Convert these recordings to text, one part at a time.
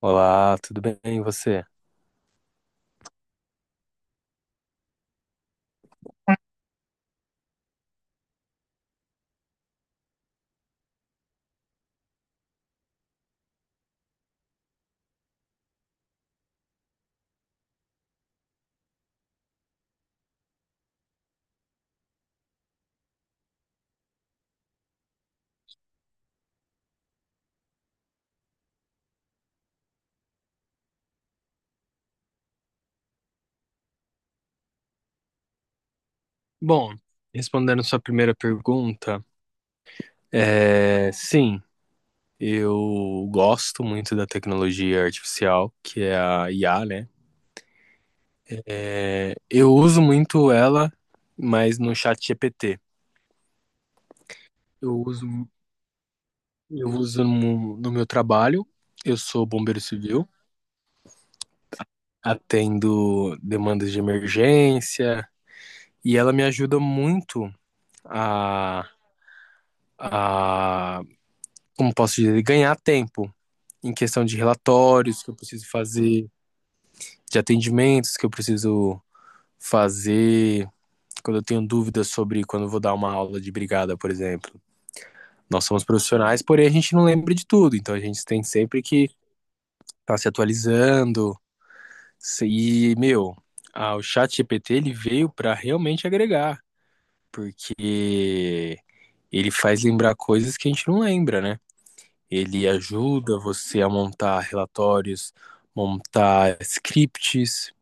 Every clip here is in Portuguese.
Olá, tudo bem? E você? Bom, respondendo sua primeira pergunta, sim, eu gosto muito da tecnologia artificial, que é a IA, né? Eu uso muito ela, mas no chat GPT. Eu uso, eu uso no meu trabalho, eu sou bombeiro civil, atendo demandas de emergência, e ela me ajuda muito a, a, como posso dizer, ganhar tempo, em questão de relatórios que eu preciso fazer, de atendimentos que eu preciso fazer, quando eu tenho dúvidas sobre quando eu vou dar uma aula de brigada, por exemplo. Nós somos profissionais, porém a gente não lembra de tudo, então a gente tem sempre que estar tá se atualizando. E, meu, o chat GPT ele veio para realmente agregar, porque ele faz lembrar coisas que a gente não lembra, né? Ele ajuda você a montar relatórios, montar scripts,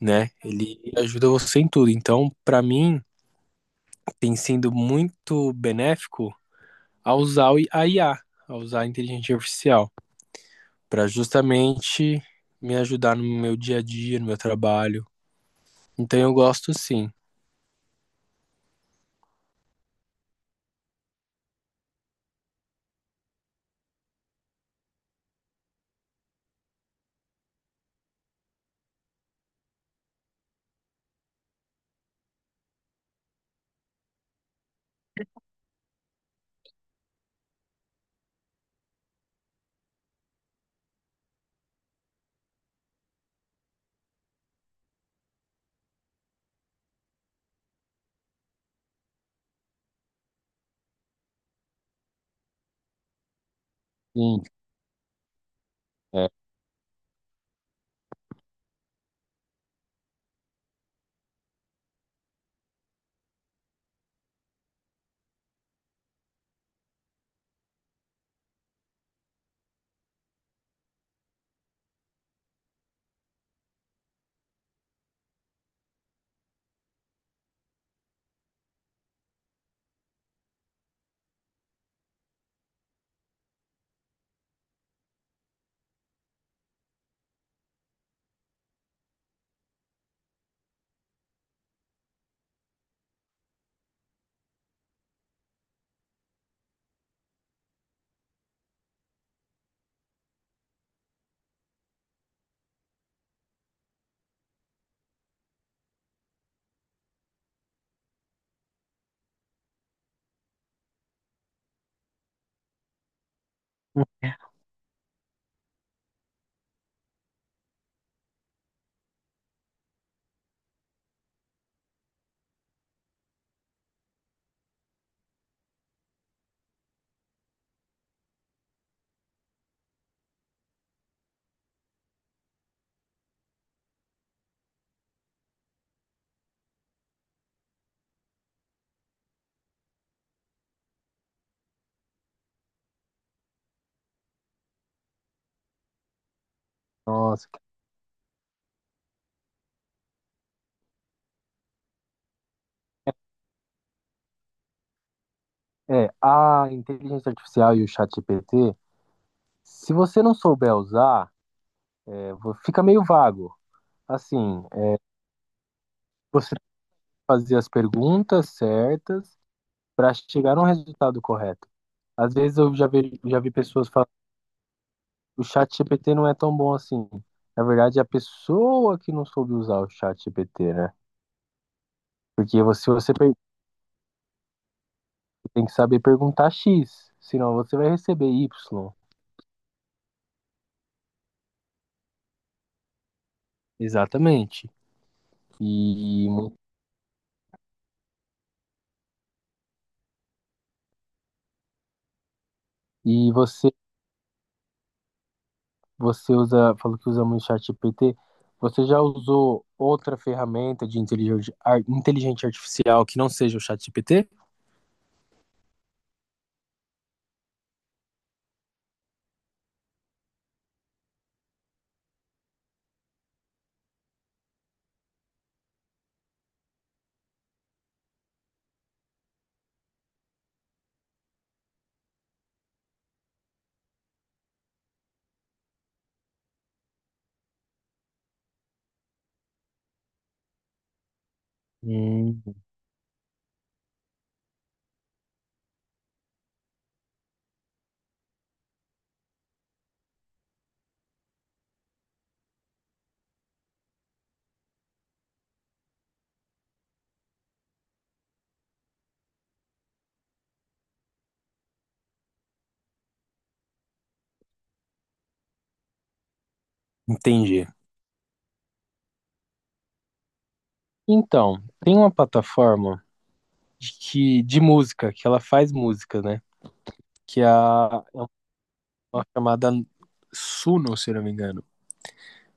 né? Ele ajuda você em tudo. Então, para mim, tem sido muito benéfico a usar a IA, a usar a inteligência artificial, para justamente me ajudar no meu dia a dia, no meu trabalho. Então, eu gosto sim. Sim, é. Nossa. É, a inteligência artificial e o chat GPT, se você não souber usar, fica meio vago. Assim, é, você tem que fazer as perguntas certas para chegar num resultado correto. Às vezes eu já vi pessoas falando, o chat GPT não é tão bom assim. Na verdade, é a pessoa que não soube usar o chat GPT, né? Porque tem que saber perguntar X, senão você vai receber Y. Exatamente. E, e você usa, falou que usa muito o chat GPT. Você já usou outra ferramenta de inteligência artificial que não seja o chat GPT? Hum, entendi. Então, tem uma plataforma de música, que ela faz música, né? É uma chamada Suno, se não me engano.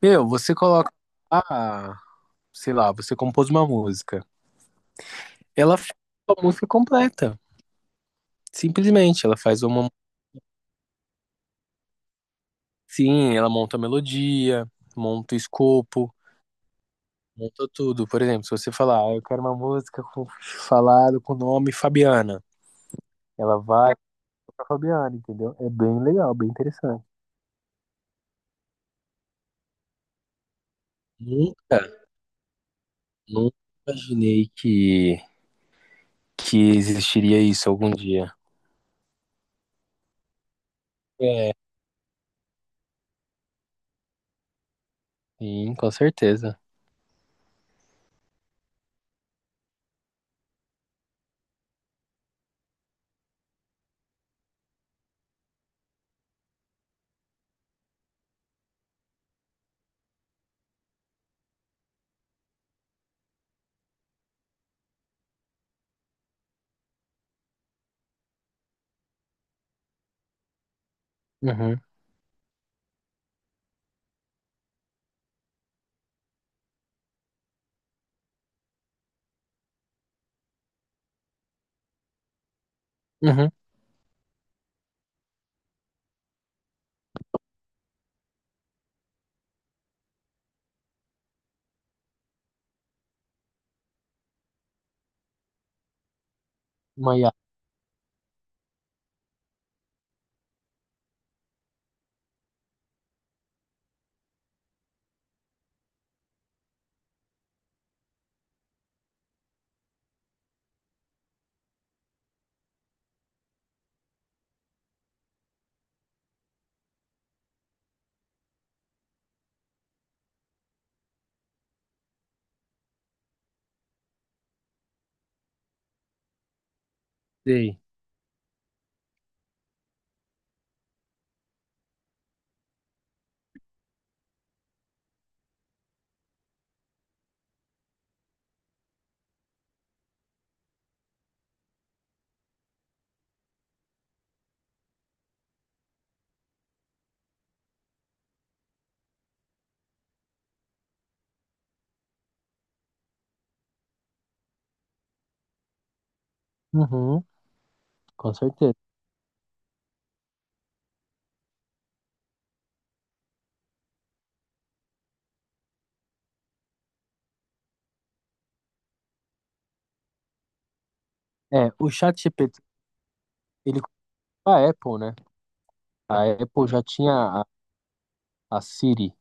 Meu, você coloca, ah, sei lá, você compôs uma música. Ela faz a música completa. Simplesmente, ela faz uma. Sim, ela monta a melodia, monta o escopo, monta tudo. Por exemplo, se você falar, ah, eu quero uma música com, falado com o nome Fabiana, ela vai pra Fabiana, entendeu? É bem legal, bem interessante. Nunca, nunca imaginei que existiria isso algum dia. É, sim, com certeza. Uhum, uhum. Maiá, sei. Uhum, com certeza. É, o ChatGPT, ele comprou a Apple, né? A Apple já tinha a, a Siri,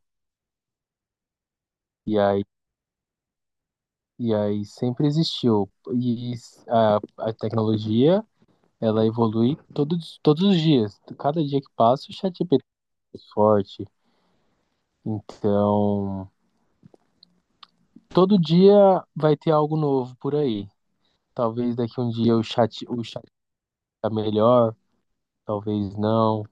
e aí, e aí sempre existiu. E a, a tecnologia, ela evolui todos os dias. Cada dia que passa, o ChatGPT é mais forte. Então, todo dia vai ter algo novo por aí. Talvez daqui um dia o tá melhor, talvez não,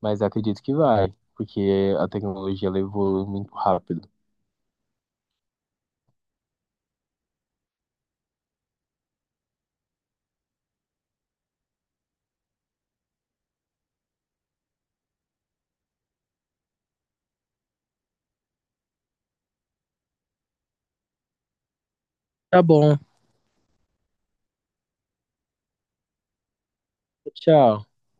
mas acredito que vai, porque a tecnologia ela evolui muito rápido. Tá bom, tchau.